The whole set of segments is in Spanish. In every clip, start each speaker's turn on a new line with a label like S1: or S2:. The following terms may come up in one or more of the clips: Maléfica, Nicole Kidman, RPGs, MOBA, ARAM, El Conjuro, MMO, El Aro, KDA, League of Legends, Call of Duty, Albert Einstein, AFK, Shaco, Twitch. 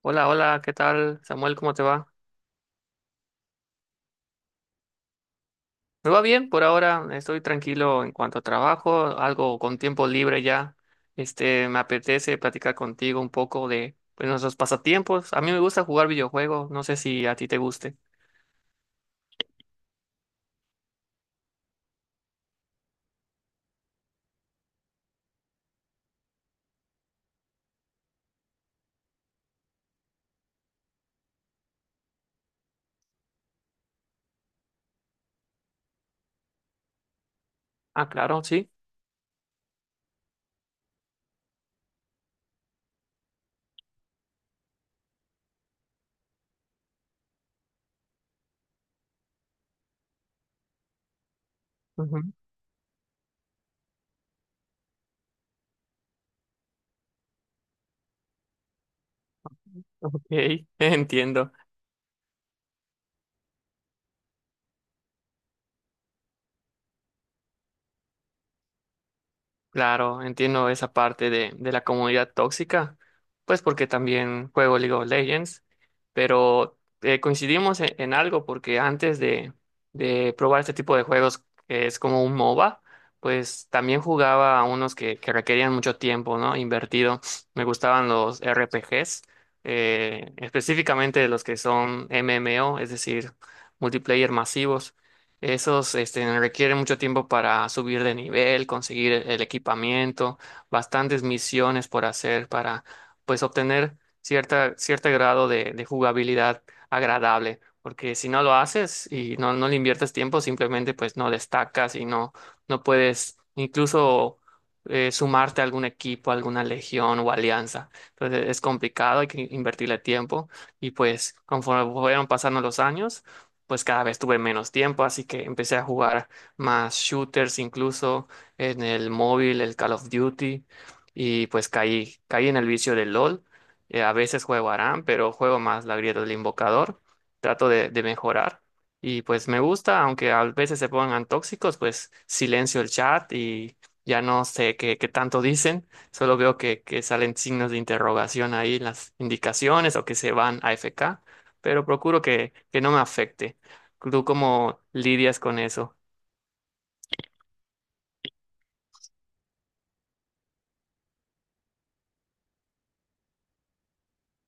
S1: Hola, hola, ¿qué tal, Samuel? ¿Cómo te va? Me va bien por ahora, estoy tranquilo en cuanto a trabajo, algo con tiempo libre ya. Me apetece platicar contigo un poco de, pues, nuestros pasatiempos. A mí me gusta jugar videojuegos, no sé si a ti te guste. Ah, claro, sí. Ujú. Ok, entiendo. Claro, entiendo esa parte de la comunidad tóxica, pues porque también juego League of Legends, pero coincidimos en algo porque antes de probar este tipo de juegos que es como un MOBA, pues también jugaba a unos que requerían mucho tiempo, ¿no? Invertido. Me gustaban los RPGs, específicamente los que son MMO, es decir, multiplayer masivos. Esos requieren mucho tiempo para subir de nivel, conseguir el equipamiento, bastantes misiones por hacer para, pues, obtener cierto grado de jugabilidad agradable. Porque si no lo haces y no le inviertes tiempo, simplemente pues no destacas y no puedes incluso sumarte a algún equipo, a alguna legión o alianza. Entonces es complicado, hay que invertirle tiempo. Y pues conforme fueron pasando los años, pues cada vez tuve menos tiempo, así que empecé a jugar más shooters incluso en el móvil, el Call of Duty, y pues caí en el vicio del LOL. A veces juego ARAM, pero juego más la grieta del invocador, trato de mejorar. Y pues me gusta, aunque a veces se pongan tóxicos, pues silencio el chat y ya no sé qué tanto dicen, solo veo que salen signos de interrogación ahí en las indicaciones o que se van a AFK, pero procuro que no me afecte. ¿Tú cómo lidias con eso?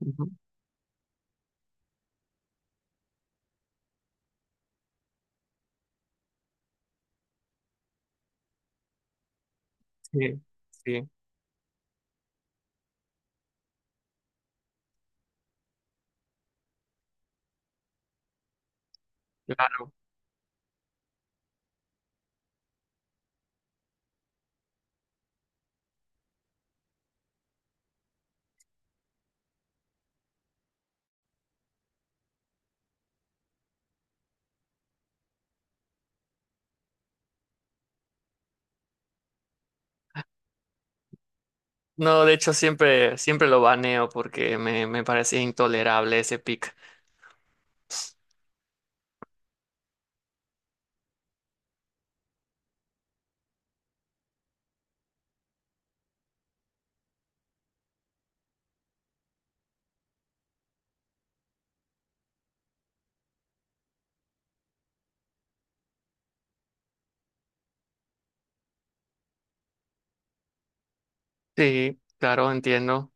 S1: Ujú. Sí, sí, claro. No, de hecho siempre lo baneo porque me parece intolerable ese pic. Sí, claro, entiendo.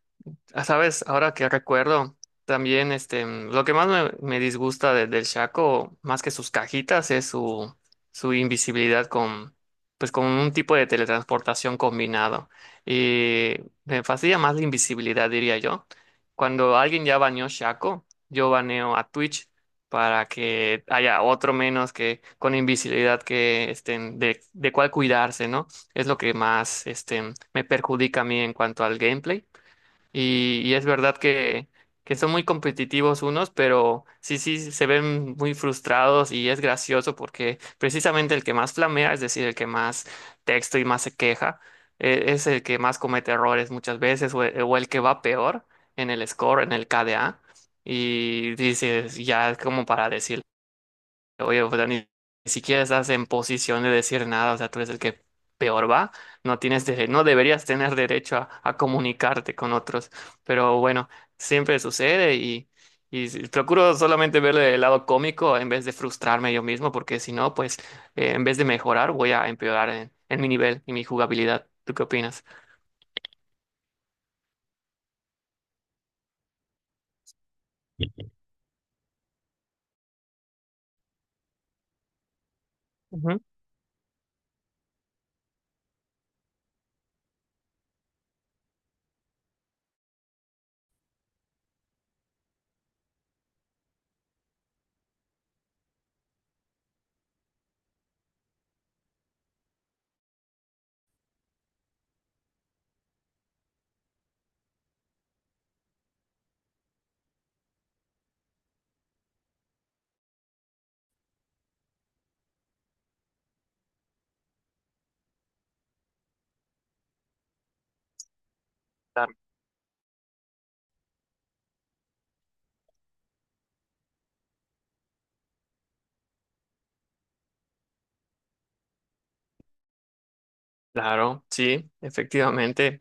S1: Ah, sabes, ahora que recuerdo, también lo que más me disgusta del Shaco, más que sus cajitas, es su invisibilidad con, pues, con un tipo de teletransportación combinado. Y me fastidia más la invisibilidad, diría yo. Cuando alguien ya baneó Shaco, yo baneo a Twitch para que haya otro menos que con invisibilidad que estén de cuál cuidarse, ¿no? Es lo que más me perjudica a mí en cuanto al gameplay y es verdad que son muy competitivos unos, pero sí, sí, se ven muy frustrados y es gracioso porque precisamente el que más flamea, es decir, el que más texto y más se queja, es el que más comete errores muchas veces o el que va peor en el score, en el KDA. Y dices, ya es como para decir. Oye, o sea, ni siquiera estás en posición de decir nada, o sea, tú eres el que peor va, no tienes no deberías tener derecho a comunicarte con otros, pero bueno, siempre sucede y procuro solamente verle el lado cómico en vez de frustrarme yo mismo, porque si no, pues en vez de mejorar, voy a empeorar en mi nivel y mi jugabilidad. ¿Tú qué opinas? Ujú. Claro. Claro, sí, efectivamente.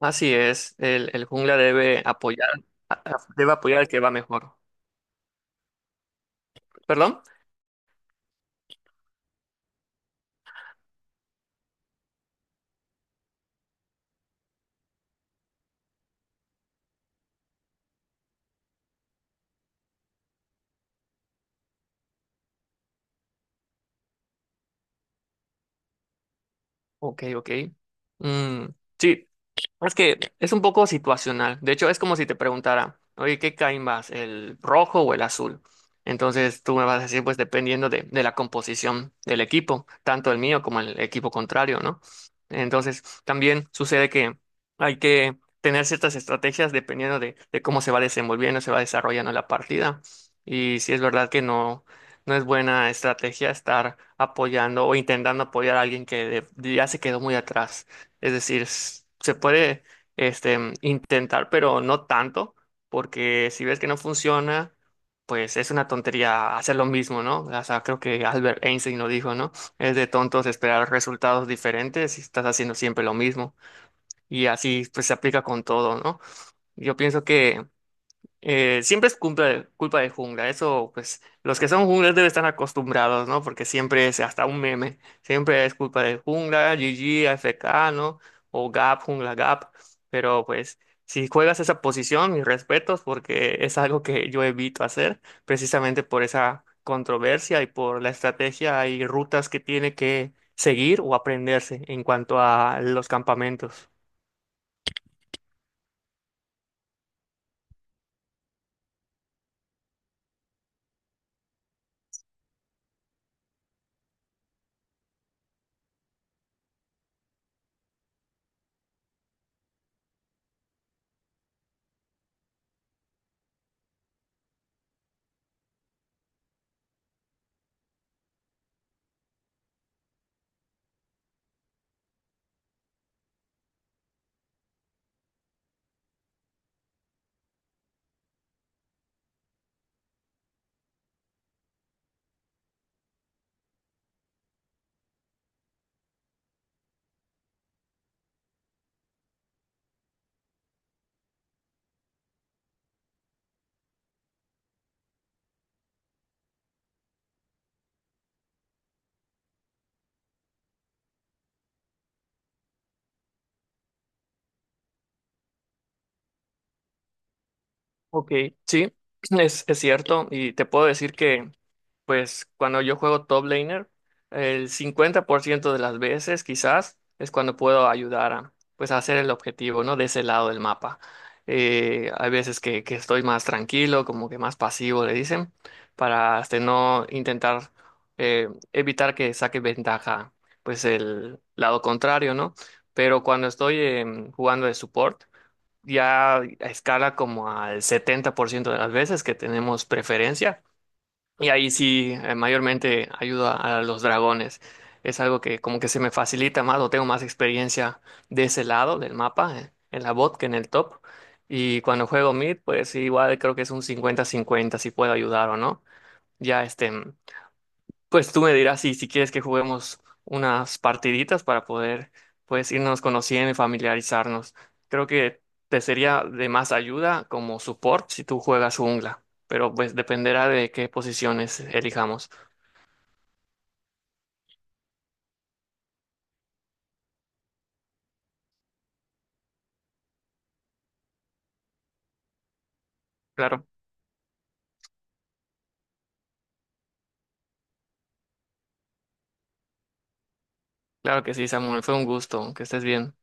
S1: Así es, el jungla debe apoyar al que va mejor. ¿Perdón? Ok, ok. Mm, sí, es que es un poco situacional. De hecho, es como si te preguntara, oye, ¿qué cae más, el rojo o el azul? Entonces tú me vas a decir, pues dependiendo de la composición del equipo, tanto el mío como el equipo contrario, ¿no? Entonces también sucede que hay que tener ciertas estrategias dependiendo de cómo se va desarrollando la partida. Y si es verdad que no es buena estrategia estar apoyando o intentando apoyar a alguien que ya se quedó muy atrás. Es decir, se puede intentar, pero no tanto, porque si ves que no funciona, pues es una tontería hacer lo mismo, ¿no? O sea, creo que Albert Einstein lo dijo, ¿no? Es de tontos esperar resultados diferentes si estás haciendo siempre lo mismo. Y así pues se aplica con todo, ¿no? Yo pienso que siempre es culpa de jungla, eso pues los que son junglas deben estar acostumbrados, ¿no? Porque siempre es hasta un meme, siempre es culpa de jungla, GG, FK, ¿no? O Gap, jungla Gap, pero pues si juegas esa posición, mis respetos, porque es algo que yo evito hacer, precisamente por esa controversia y por la estrategia y rutas que tiene que seguir o aprenderse en cuanto a los campamentos. Ok, sí, es cierto y te puedo decir que... Pues cuando yo juego top laner, el 50% de las veces quizás es cuando puedo ayudar a, pues, a hacer el objetivo, ¿no? De ese lado del mapa. Hay veces que estoy más tranquilo, como que más pasivo, le dicen, para no intentar, evitar que saque ventaja, pues el lado contrario, ¿no? Pero cuando estoy jugando de support, ya escala como al 70% de las veces que tenemos preferencia y ahí sí, mayormente ayudo a los dragones. Es algo que como que se me facilita más o tengo más experiencia de ese lado del mapa, en la bot que en el top. Y cuando juego mid, pues igual creo que es un cincuenta cincuenta si puedo ayudar o no. Ya pues tú me dirás si quieres que juguemos unas partiditas para poder, pues, irnos conociendo y familiarizarnos. Creo que te sería de más ayuda como support si tú juegas jungla, pero pues dependerá de qué posiciones elijamos. Claro, claro que sí, Samuel, fue un gusto, que estés bien.